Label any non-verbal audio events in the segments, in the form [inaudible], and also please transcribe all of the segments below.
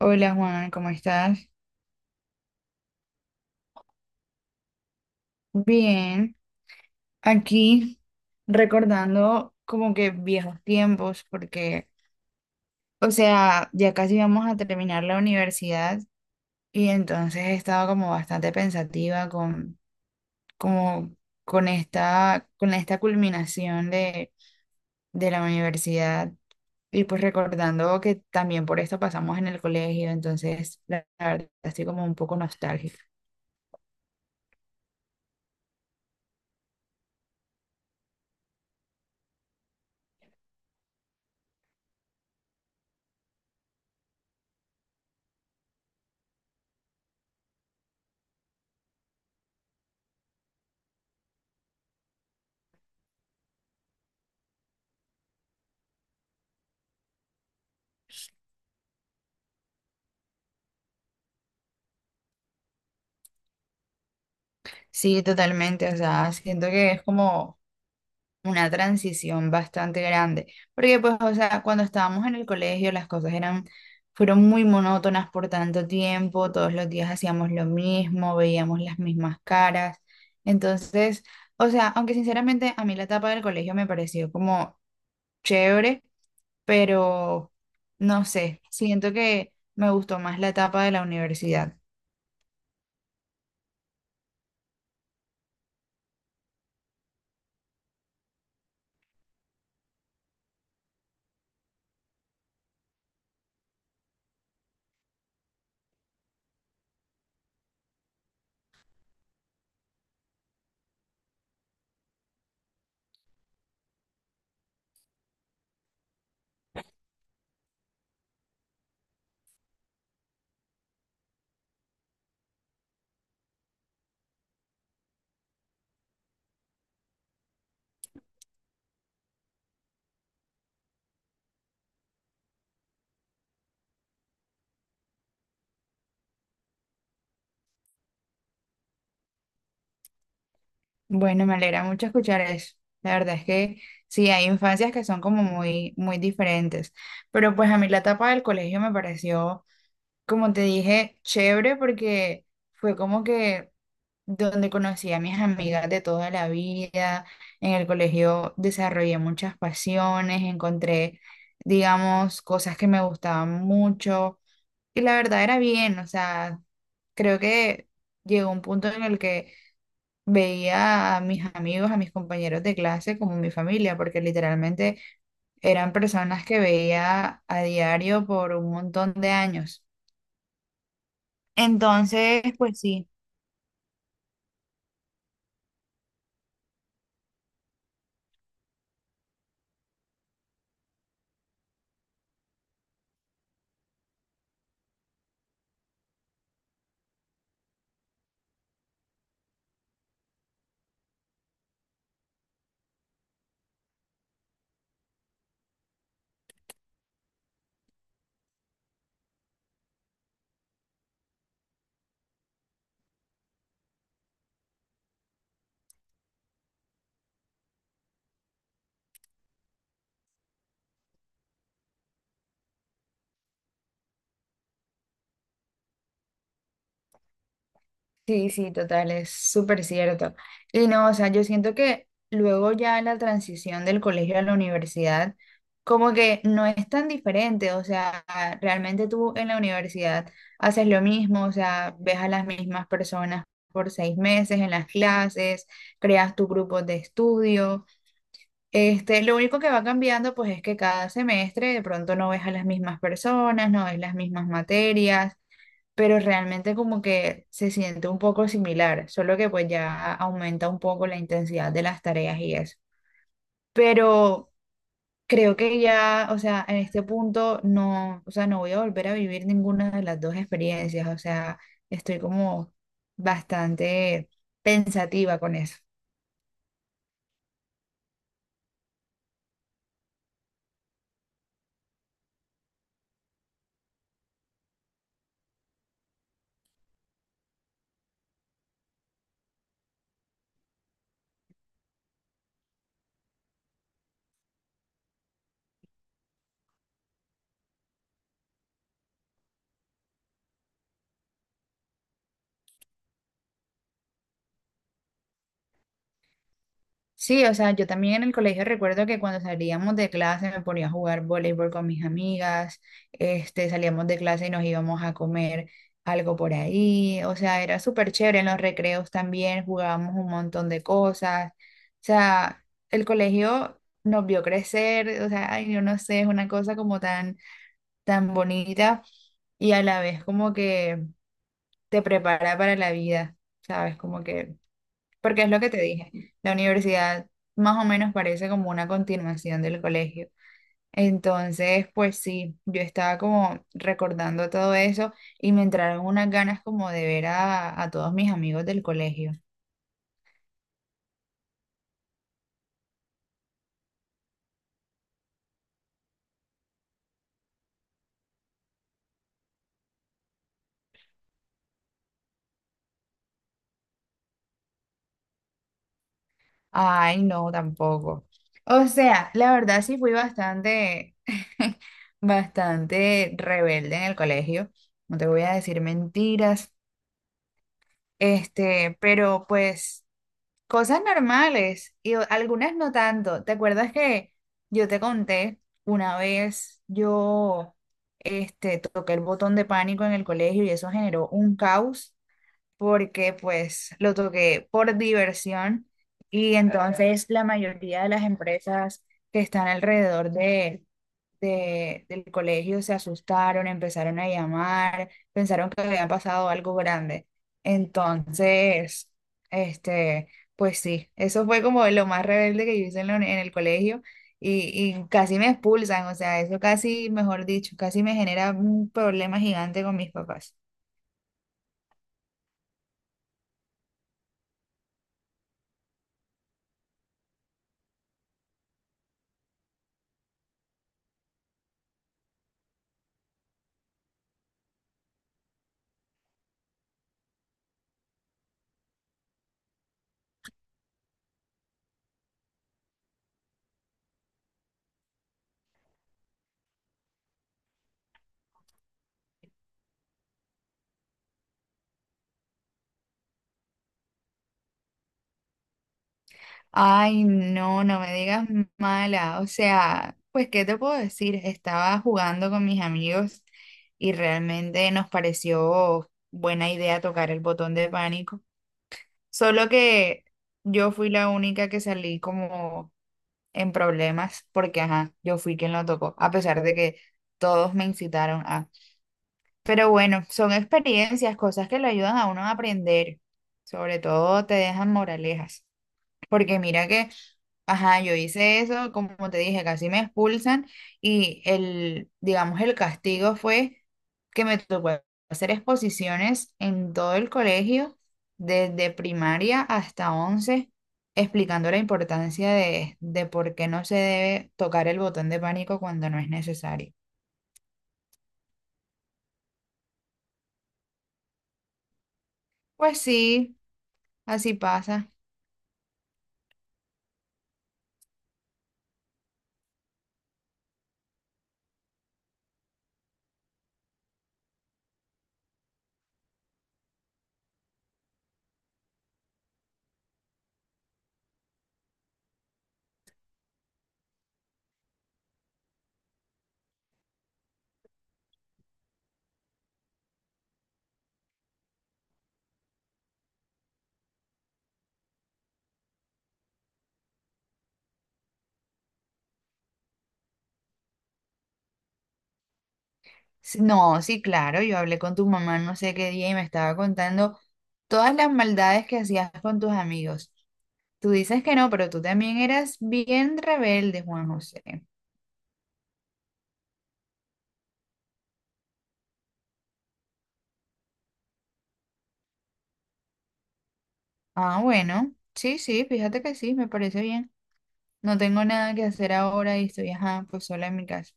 Hola Juan, ¿cómo estás? Bien, aquí recordando como que viejos tiempos, porque, o sea, ya casi vamos a terminar la universidad y entonces he estado como bastante pensativa con, como, con esta culminación de la universidad y pues recordando que también por esto pasamos en el colegio, entonces la verdad estoy como un poco nostálgica. Sí, totalmente, o sea, siento que es como una transición bastante grande, porque pues, o sea, cuando estábamos en el colegio las cosas eran, fueron muy monótonas por tanto tiempo, todos los días hacíamos lo mismo, veíamos las mismas caras, entonces, o sea, aunque sinceramente a mí la etapa del colegio me pareció como chévere, pero no sé, siento que me gustó más la etapa de la universidad. Bueno, me alegra mucho escuchar eso. La verdad es que sí, hay infancias que son como muy, muy diferentes. Pero pues a mí la etapa del colegio me pareció, como te dije, chévere porque fue como que donde conocí a mis amigas de toda la vida. En el colegio desarrollé muchas pasiones, encontré, digamos, cosas que me gustaban mucho. Y la verdad era bien, o sea, creo que llegó un punto en el que veía a mis amigos, a mis compañeros de clase como mi familia, porque literalmente eran personas que veía a diario por un montón de años. Entonces, pues sí. Sí, sí, total, es súper cierto. Y no, o sea, yo siento que luego ya en la transición del colegio a la universidad, como que no es tan diferente, o sea, realmente tú en la universidad haces lo mismo, o sea, ves a las mismas personas por 6 meses en las clases, creas tu grupo de estudio, este, lo único que va cambiando, pues, es que cada semestre de pronto no ves a las mismas personas, no ves las mismas materias, pero realmente como que se siente un poco similar, solo que pues ya aumenta un poco la intensidad de las tareas y eso. Pero creo que ya, o sea, en este punto no, o sea, no voy a volver a vivir ninguna de las dos experiencias, o sea, estoy como bastante pensativa con eso. Sí, o sea, yo también en el colegio recuerdo que cuando salíamos de clase me ponía a jugar voleibol con mis amigas, este, salíamos de clase y nos íbamos a comer algo por ahí, o sea, era súper chévere, en los recreos también jugábamos un montón de cosas, o sea, el colegio nos vio crecer, o sea, ay, yo no sé, es una cosa como tan, tan bonita y a la vez como que te prepara para la vida, ¿sabes? Como que... Porque es lo que te dije, la universidad más o menos parece como una continuación del colegio. Entonces, pues sí, yo estaba como recordando todo eso y me entraron unas ganas como de ver a todos mis amigos del colegio. Ay, no, tampoco. O sea, la verdad sí fui bastante, [laughs] bastante rebelde en el colegio. No te voy a decir mentiras, este, pero pues... Cosas normales y algunas no tanto. ¿Te acuerdas que yo te conté una vez yo toqué el botón de pánico en el colegio y eso generó un caos porque pues lo toqué por diversión y entonces la mayoría de las empresas que están alrededor de del colegio se asustaron, empezaron a llamar, pensaron que había pasado algo grande. Entonces, este, pues sí, eso fue como lo más rebelde que yo hice en, en el colegio y casi me expulsan, o sea, eso casi, mejor dicho, casi me genera un problema gigante con mis papás. Ay, no, no me digas mala. O sea, pues, ¿qué te puedo decir? Estaba jugando con mis amigos y realmente nos pareció buena idea tocar el botón de pánico. Solo que yo fui la única que salí como en problemas porque, ajá, yo fui quien lo tocó, a pesar de que todos me incitaron a. Pero bueno, son experiencias, cosas que lo ayudan a uno a aprender. Sobre todo te dejan moralejas. Porque mira que, ajá, yo hice eso, como te dije, casi me expulsan y el, digamos, el castigo fue que me tocó hacer exposiciones en todo el colegio, desde primaria hasta once, explicando la importancia de por qué no se debe tocar el botón de pánico cuando no es necesario. Pues sí, así pasa. Sí, no, sí, claro, yo hablé con tu mamá no sé qué día y me estaba contando todas las maldades que hacías con tus amigos. Tú dices que no, pero tú también eras bien rebelde, Juan José. Ah, bueno, sí, sí, fíjate que sí, me parece bien. No tengo nada que hacer ahora y estoy, ajá, pues sola en mi casa.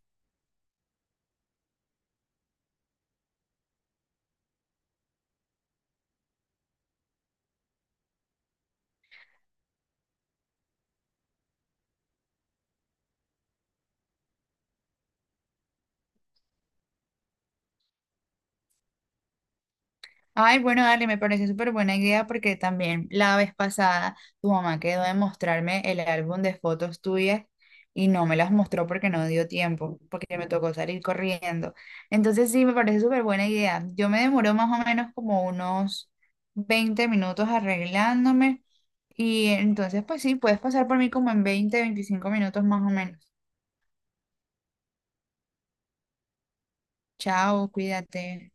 Ay, bueno, dale, me parece súper buena idea porque también la vez pasada tu mamá quedó de mostrarme el álbum de fotos tuyas y no me las mostró porque no dio tiempo, porque me tocó salir corriendo. Entonces sí, me parece súper buena idea. Yo me demoró más o menos como unos 20 minutos arreglándome y entonces pues sí, puedes pasar por mí como en 20, 25 minutos más o menos. Chao, cuídate.